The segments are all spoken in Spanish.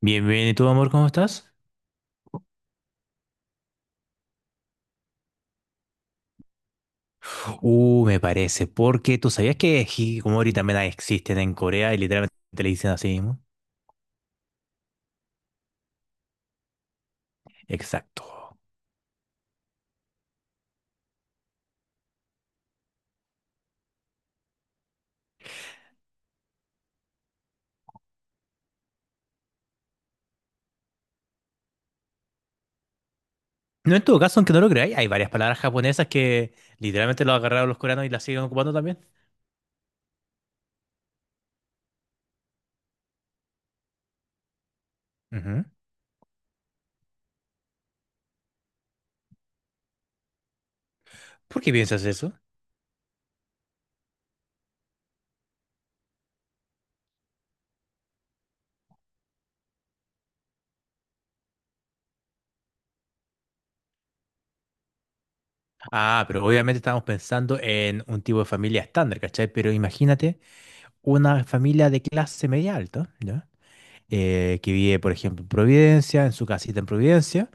Bien, bien, ¿y tú, amor, cómo estás? Me parece, porque tú sabías que hikikomori también existen en Corea y literalmente le dicen así mismo. Exacto. No, en todo caso, aunque no lo creáis, hay varias palabras japonesas que literalmente lo agarraron los coreanos y las siguen ocupando también. Ujú. ¿Por qué piensas eso? Ah, pero obviamente estamos pensando en un tipo de familia estándar, ¿cachai? Pero imagínate una familia de clase media alta, ¿ya? Que vive, por ejemplo, en Providencia, en su casita en Providencia.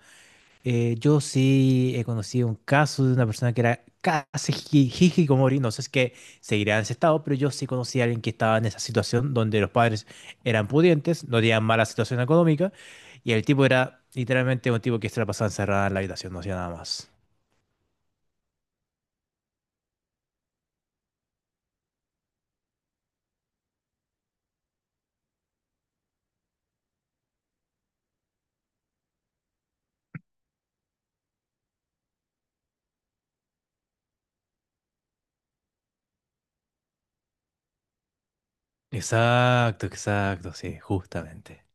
Yo sí he conocido un caso de una persona que era casi hikikomori, no sé si es que seguirá en ese estado, pero yo sí conocí a alguien que estaba en esa situación donde los padres eran pudientes, no tenían mala situación económica, y el tipo era literalmente un tipo que se la pasaba encerrada en la habitación, no hacía nada más. Exacto, exacto, sí, justamente.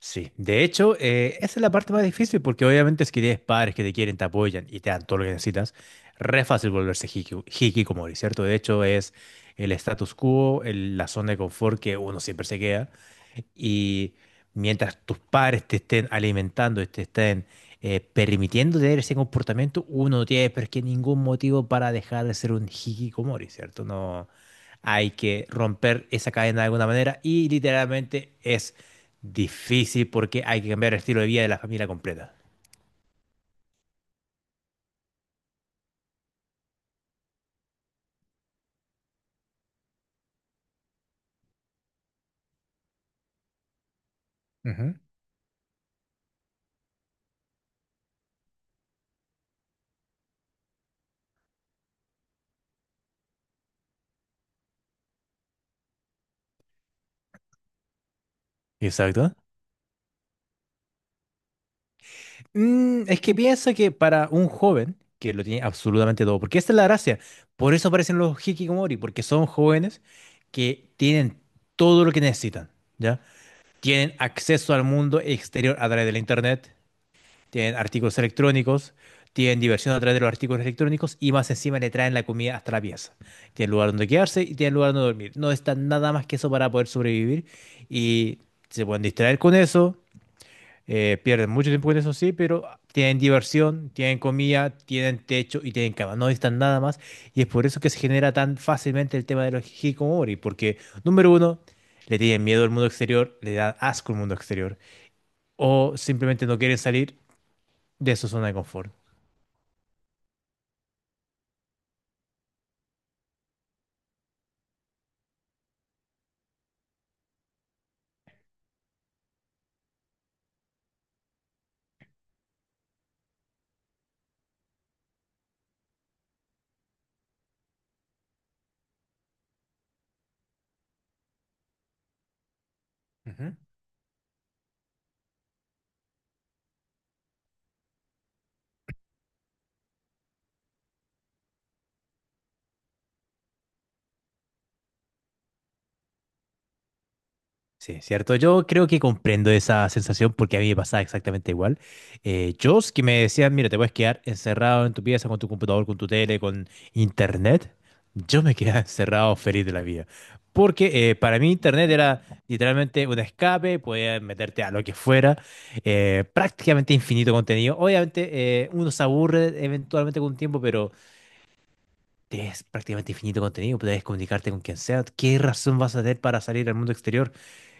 Sí, de hecho, esa es la parte más difícil porque obviamente es que tienes padres que te quieren, te apoyan y te dan todo lo que necesitas. Re fácil volverse hikikomori, ¿cierto? De hecho, es el status quo, la zona de confort que uno siempre se queda. Y mientras tus padres te estén alimentando y te estén permitiendo tener ese comportamiento, uno no tiene pero es que ningún motivo para dejar de ser un hikikomori, ¿cierto? No hay que romper esa cadena de alguna manera y literalmente es difícil porque hay que cambiar el estilo de vida de la familia completa. Ujú. Exacto. Es que pienso que para un joven que lo tiene absolutamente todo, porque esta es la gracia, por eso aparecen los hikikomori, porque son jóvenes que tienen todo lo que necesitan, ¿ya? Tienen acceso al mundo exterior a través de la internet, tienen artículos electrónicos, tienen diversión a través de los artículos electrónicos y más encima le traen la comida hasta la pieza. Tienen lugar donde quedarse y tienen lugar donde dormir. No está nada más que eso para poder sobrevivir y se pueden distraer con eso. Pierden mucho tiempo con eso, sí, pero tienen diversión, tienen comida, tienen techo y tienen cama. No necesitan nada más. Y es por eso que se genera tan fácilmente el tema de los hikikomori. Porque, número uno, le tienen miedo al mundo exterior, le dan asco al mundo exterior. O simplemente no quieren salir de su zona de confort. Ujú. Sí, cierto. Yo creo que comprendo esa sensación porque a mí me pasaba exactamente igual. Yo, que me decían, mira, te puedes quedar encerrado en tu pieza con tu computador, con tu tele, con internet, yo me quedaba encerrado feliz de la vida. Porque para mí internet era literalmente un escape, podías meterte a lo que fuera, prácticamente infinito contenido. Obviamente uno se aburre eventualmente con un tiempo, pero es prácticamente infinito contenido, puedes comunicarte con quien sea. ¿Qué razón vas a tener para salir al mundo exterior?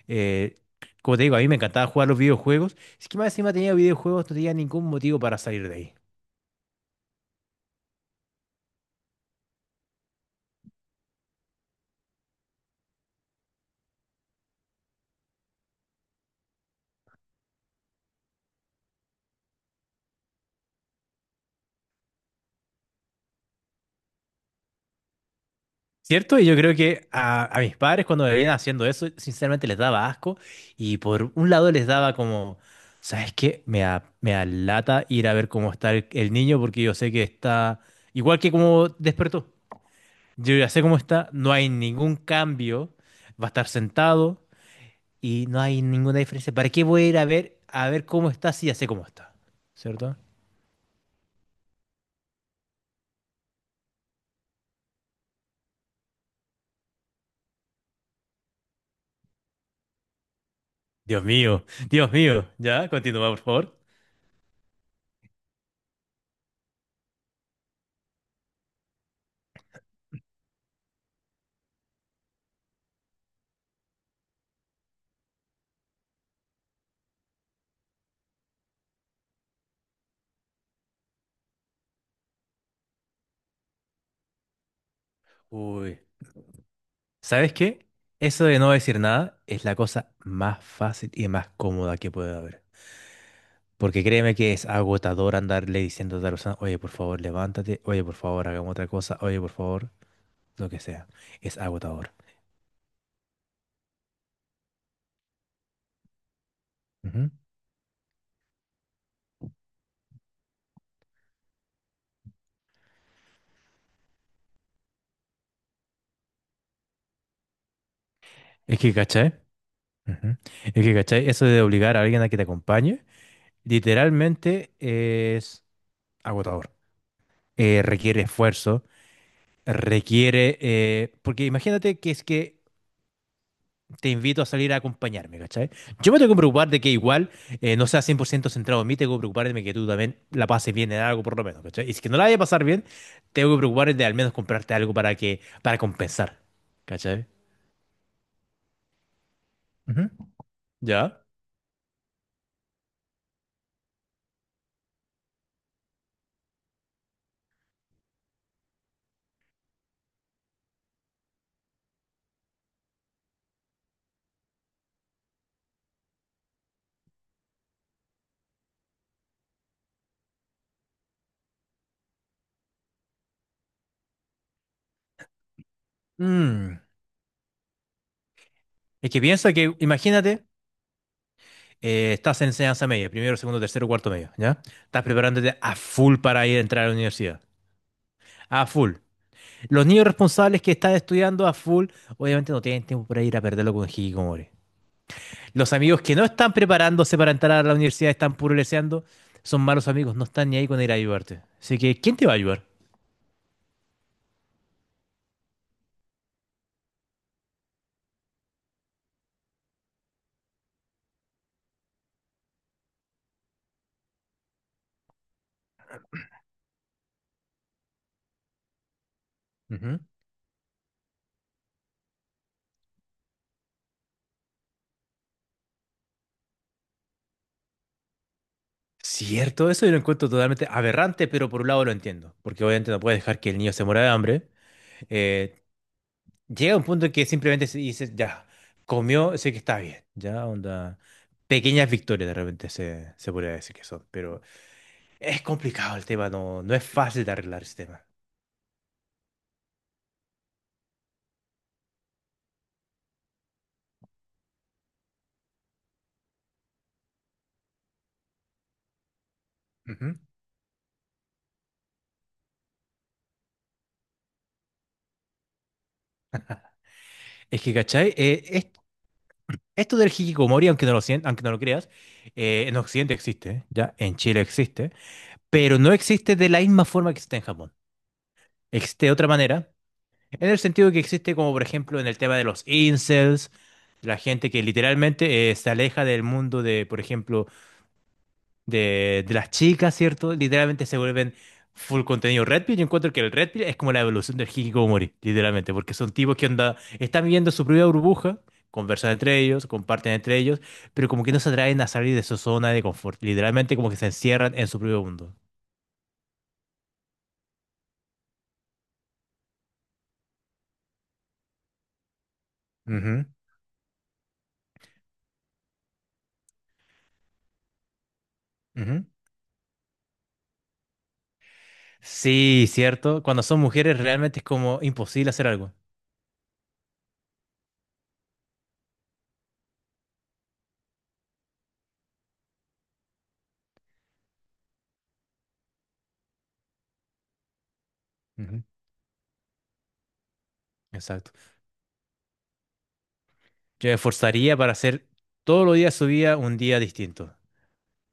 Eh, Como te digo, a mí me encantaba jugar los videojuegos. Es que más encima tenía videojuegos, no tenía ningún motivo para salir de ahí. ¿Cierto? Y yo creo que a mis padres cuando me veían haciendo eso, sinceramente les daba asco y por un lado les daba como, ¿sabes qué? Me da lata ir a ver cómo está el niño porque yo sé que está igual que como despertó. Yo ya sé cómo está, no hay ningún cambio, va a estar sentado y no hay ninguna diferencia. ¿Para qué voy a ir a a ver cómo está si ya sé cómo está? ¿Cierto? Dios mío, Dios mío. Ya, continúa, por favor. Uy, ¿sabes qué? Eso de no decir nada es la cosa más fácil y más cómoda que puede haber. Porque créeme que es agotador andarle diciendo a otra persona, oye, por favor, levántate, oye, por favor, hagamos otra cosa, oye, por favor, lo que sea. Es agotador. Ujú. Es que, ¿cachai? Ujú. Es que, ¿cachai? Eso de obligar a alguien a que te acompañe, literalmente es agotador. Requiere esfuerzo, porque imagínate que es que te invito a salir a acompañarme, ¿cachai? Yo me tengo que preocupar de que igual no sea 100% centrado en mí, tengo que preocuparme de que tú también la pases bien en algo por lo menos, ¿cachai? Y si que no la vaya a pasar bien, tengo que preocuparme de al menos comprarte algo para que, para compensar, ¿cachai? Ujú. ¿Ya? Mm. Es que piensa que, imagínate, estás en enseñanza media, primero, segundo, tercero, cuarto medio, ¿ya? Estás preparándote a full para ir a entrar a la universidad. A full. Los niños responsables que están estudiando a full, obviamente no tienen tiempo para ir a perderlo con hikikomori. Los amigos que no están preparándose para entrar a la universidad, están puruleseando, son malos amigos, no están ni ahí con ir a ayudarte. Así que, ¿quién te va a ayudar? Ujú. Cierto, eso yo lo encuentro totalmente aberrante, pero por un lado lo entiendo, porque obviamente no puedes dejar que el niño se muera de hambre. Eh, Llega un punto en que simplemente se dice, ya, comió, sé que está bien, ya, onda. Pequeñas victorias de repente se podría decir que son, pero es complicado el tema, no, no es fácil de arreglar ese tema. Ujú. Es que, ¿cachai? Esto del hikikomori, aunque no aunque no lo creas, en Occidente existe, ¿ya? En Chile existe, pero no existe de la misma forma que existe en Japón. Existe de otra manera, en el sentido que existe como, por ejemplo, en el tema de los incels, la gente que literalmente se aleja del mundo de, por ejemplo, de las chicas, ¿cierto? Literalmente se vuelven full contenido Red Pill. Yo encuentro que el Red Pill es como la evolución del hikikomori, literalmente, porque son tipos que onda, están viviendo su propia burbuja, conversan entre ellos, comparten entre ellos, pero como que no se atraen a salir de su zona de confort. Literalmente como que se encierran en su propio mundo. Ujú, ujú. Sí, cierto. Cuando son mujeres realmente es como imposible hacer algo. Ujú, exacto. Yo me esforzaría para hacer todos los días de su vida un día distinto.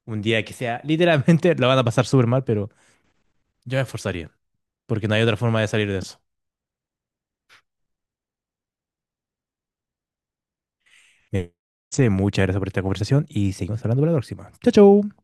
Un día que sea, literalmente la van a pasar súper mal, pero yo me esforzaría, porque no hay otra forma de salir de eso. Eh, sí, muchas gracias por esta conversación y seguimos hablando para la próxima. Chau. Chao.